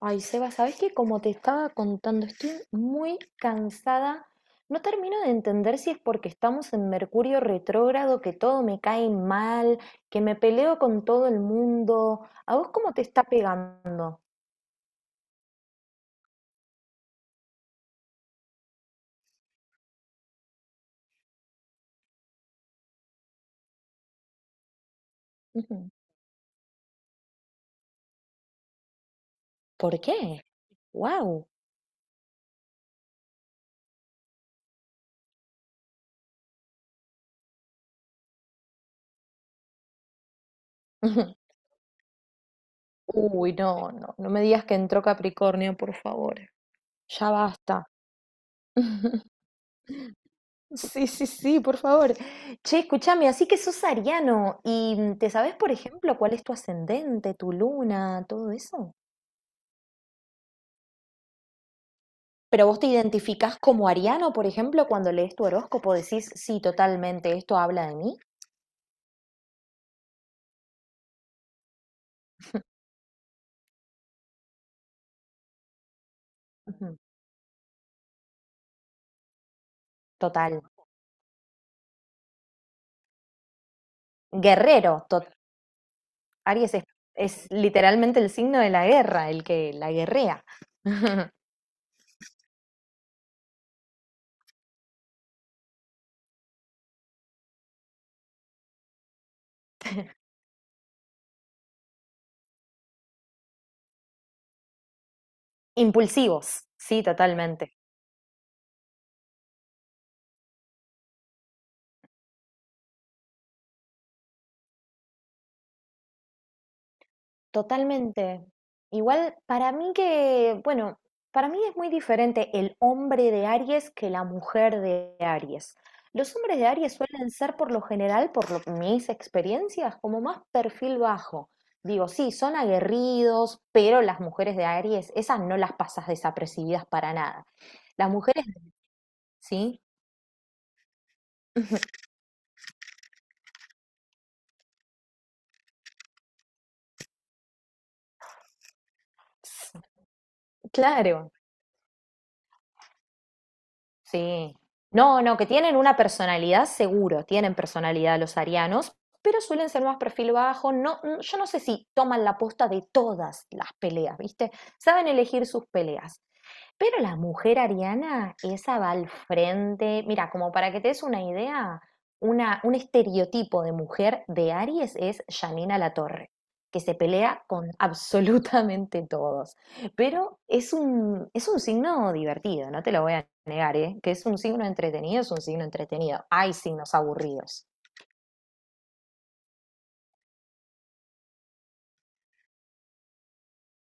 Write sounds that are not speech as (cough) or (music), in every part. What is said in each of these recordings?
Ay, Seba, ¿sabes qué? Como te estaba contando, estoy muy cansada. No termino de entender si es porque estamos en Mercurio retrógrado, que todo me cae mal, que me peleo con todo el mundo. ¿A vos cómo te está pegando? Ujú. ¿Por qué? ¡Wow! (laughs) Uy, no, no, no me digas que entró Capricornio, por favor. Ya basta. (laughs) Sí, sí, sí, por favor. Che, escúchame, así que sos ariano y ¿te sabes, por ejemplo, cuál es tu ascendente, tu luna, todo eso? Pero vos te identificás como ariano, por ejemplo, cuando lees tu horóscopo, decís, sí, totalmente, esto habla de mí. Ujú. Total. Guerrero, tot- Aries es literalmente el signo de la guerra, el que la guerrea. (laughs) Impulsivos, sí, totalmente. Totalmente. Igual para mí que, bueno, para mí es muy diferente el hombre de Aries que la mujer de Aries. Los hombres de Aries suelen ser por lo general, por lo, mis experiencias, como más perfil bajo. Digo, sí, son aguerridos, pero las mujeres de Aries, esas no las pasas desapercibidas para nada. Las mujeres, sí, (laughs) claro. Sí. No, no, que tienen una personalidad seguro, tienen personalidad los arianos, pero suelen ser más perfil bajo. No, yo no sé si toman la posta de todas las peleas, ¿viste? Saben elegir sus peleas. Pero la mujer ariana, esa va al frente. Mira, como para que te des una idea, una, un estereotipo de mujer de Aries es Janina Latorre, que se pelea con (laughs) absolutamente todos. Pero es un signo divertido, no te lo voy a negar, ¿eh? Que es un signo entretenido, es un signo entretenido. Hay signos aburridos.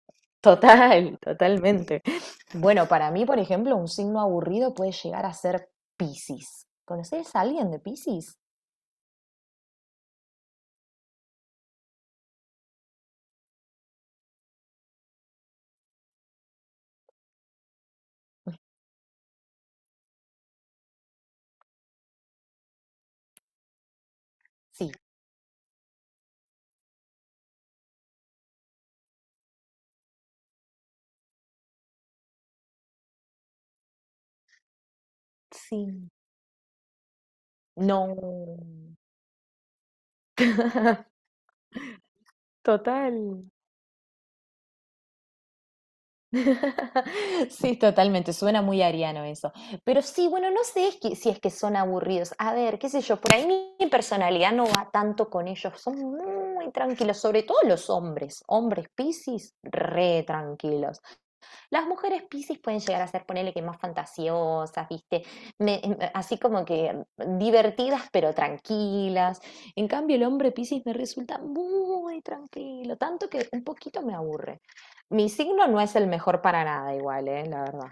(laughs) Total, totalmente. Bueno, para mí, por ejemplo, un signo aburrido puede llegar a ser Piscis. ¿Conoces a alguien de Piscis? Sí. Sí, no. (laughs) Total. (laughs) Sí, totalmente, suena muy ariano eso. Pero sí, bueno, no sé es que- si es que son aburridos. A ver, qué sé yo, por ahí mi personalidad no va tanto con ellos. Son muy tranquilos, sobre todo los hombres. Hombres Piscis, re tranquilos. Las mujeres Piscis pueden llegar a ser, ponele que más fantasiosas, ¿viste? Así como que divertidas pero tranquilas. En cambio, el hombre Piscis me resulta muy tranquilo, tanto que un poquito me aburre. Mi signo no es el mejor para nada igual, ¿eh? La verdad.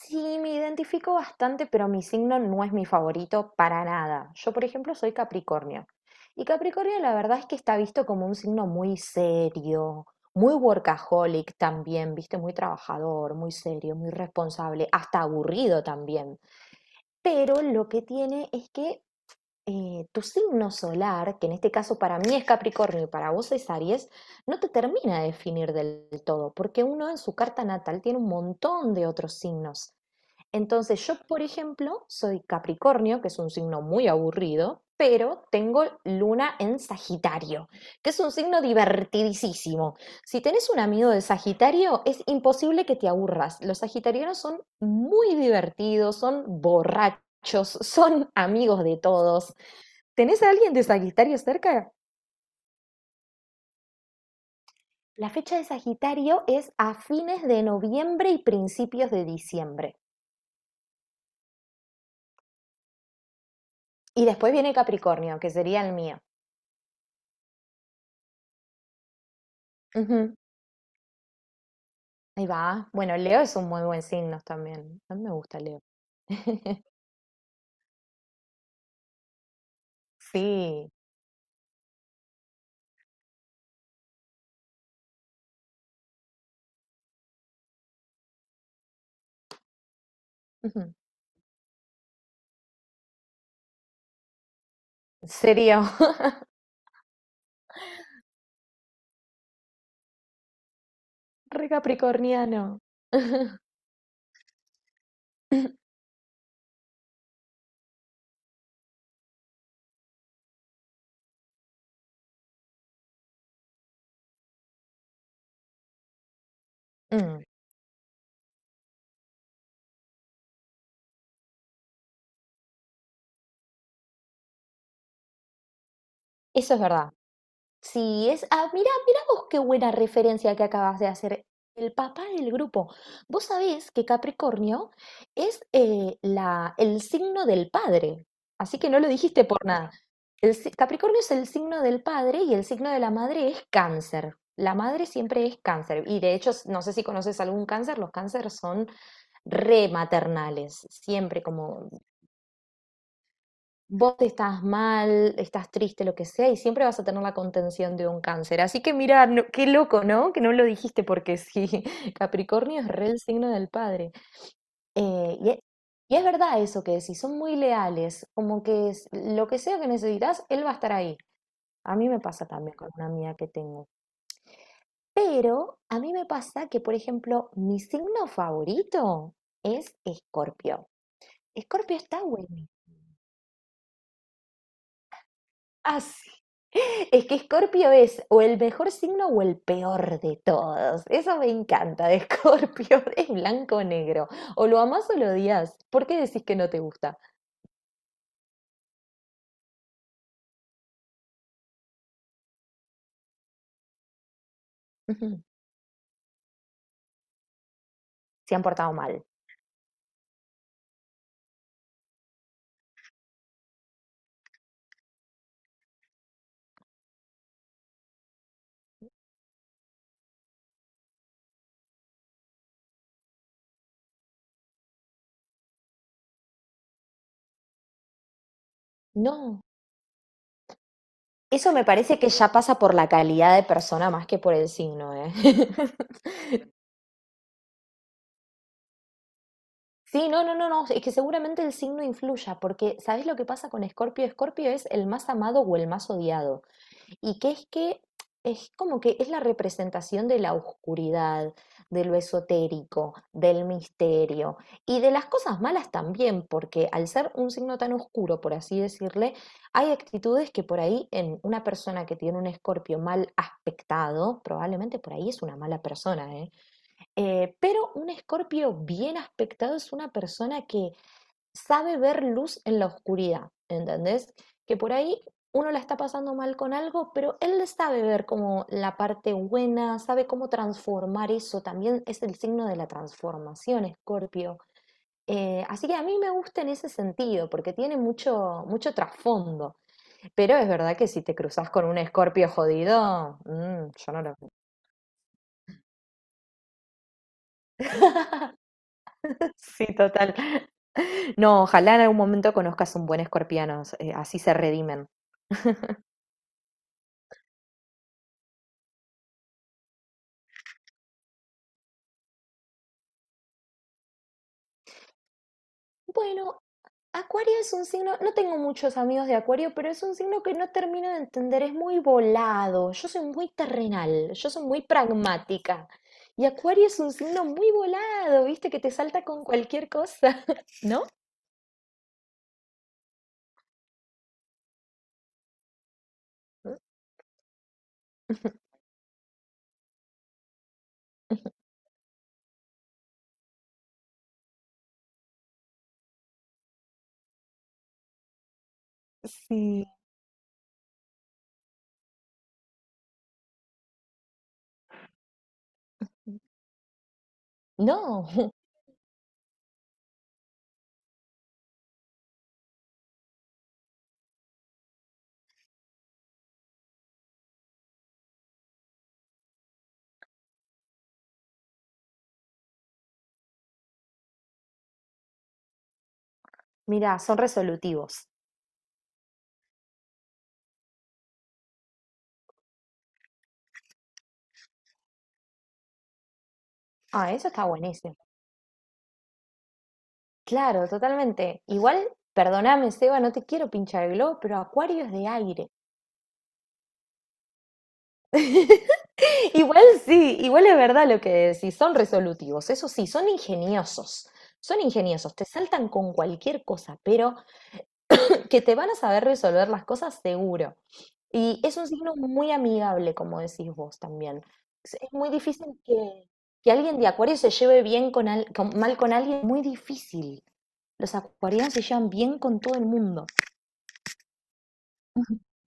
Sí, me identifico bastante, pero mi signo no es mi favorito para nada. Yo, por ejemplo, soy Capricornio. Y Capricornio, la verdad es que está visto como un signo muy serio, muy workaholic también, viste, muy trabajador, muy serio, muy responsable, hasta aburrido también. Pero lo que tiene es que tu signo solar, que en este caso para mí es Capricornio y para vos es Aries, no te termina de definir del todo, porque uno en su carta natal tiene un montón de otros signos. Entonces, yo, por ejemplo, soy Capricornio, que es un signo muy aburrido, pero tengo luna en Sagitario, que es un signo divertidísimo. Si tenés un amigo de Sagitario, es imposible que te aburras. Los sagitarianos son muy divertidos, son borrachos, (laughs) son amigos de todos. ¿Tenés a alguien de Sagitario cerca? La fecha de Sagitario es a fines de noviembre y principios de diciembre. Y después viene Capricornio, que sería el mío. Ujú. Ahí va. Bueno, Leo es un muy buen signo también. A mí me gusta Leo. (laughs) Sí. Ujú. Serio. (laughs) Re capricorniano. (laughs) Mm, eso es verdad. Sí, es. Ah, mira, mira vos qué buena referencia que acabas de hacer. El papá del grupo. Vos sabés que Capricornio es la, el signo del padre. Así que no lo dijiste por nada. El, si- Capricornio es el signo del padre y el signo de la madre es cáncer. La madre siempre es cáncer. Y de hecho, no sé si conoces algún cáncer, los cánceres son rematernales. Siempre como vos estás mal, estás triste, lo que sea, y siempre vas a tener la contención de un cáncer. Así que mira, no- qué loco, ¿no? Que no lo dijiste porque sí, (laughs) Capricornio es re el signo del padre. Y, e- y es verdad eso que decís, son muy leales, como que es- lo que sea que necesitas, él va a estar ahí. A mí me pasa también con una amiga que tengo. Pero a mí me pasa que, por ejemplo, mi signo favorito es Escorpio. Escorpio está bueno. Es que Escorpio es o el mejor signo o el peor de todos. Eso me encanta de Escorpio. (laughs) Es blanco o negro. O lo amás o lo odias. ¿Por qué decís que no te gusta? Ujú, se han portado mal. No. Eso me parece que ya pasa por la calidad de persona más que por el signo, ¿eh? (laughs) Sí, no, no, no, no. Es que seguramente el signo influya, porque ¿sabés lo que pasa con Escorpio? Escorpio es el más amado o el más odiado. Y que es como que es la representación de la oscuridad, de lo esotérico, del misterio y de las cosas malas también, porque al ser un signo tan oscuro, por así decirle, hay actitudes que por ahí en una persona que tiene un escorpio mal aspectado, probablemente por ahí es una mala persona, ¿eh? Pero un escorpio bien aspectado es una persona que sabe ver luz en la oscuridad, ¿entendés? Que por ahí uno la está pasando mal con algo, pero él sabe ver como la parte buena, sabe cómo transformar eso. También es el signo de la transformación, Escorpio. Así que a mí me gusta en ese sentido, porque tiene mucho, mucho trasfondo. Pero es verdad que si te cruzas con un escorpio jodido, yo no lo... (laughs) Sí, total. No, ojalá en algún momento conozcas un buen escorpiano, así se redimen. Bueno, Acuario es un signo, no tengo muchos amigos de Acuario, pero es un signo que no termino de entender, es muy volado, yo soy muy terrenal, yo soy muy pragmática. Y Acuario es un signo muy volado, viste, que te salta con cualquier cosa, (laughs) ¿no? No, (laughs) mira, son resolutivos. Ah, eso está buenísimo. Claro, totalmente. Igual, perdóname, Seba, no te quiero pinchar el globo, pero Acuario es de aire. (laughs) Igual sí, igual es verdad lo que decís, son resolutivos, eso sí, son ingeniosos, te saltan con cualquier cosa, pero que te van a saber resolver las cosas seguro. Y es un signo muy amigable, como decís vos también. Es muy difícil que alguien de Acuario se lleve bien con, al- con- mal con alguien, muy difícil. Los acuarianos se llevan bien con todo el mundo. (laughs)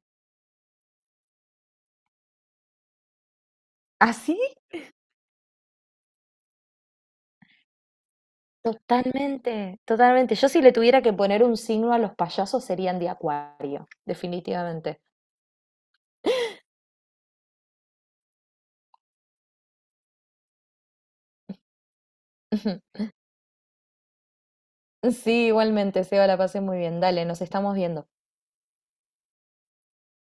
Así totalmente, totalmente. Yo si le tuviera que poner un signo a los payasos serían de acuario, definitivamente. (laughs) Sí, igualmente, Seba, la pasé muy bien. Dale, nos estamos viendo.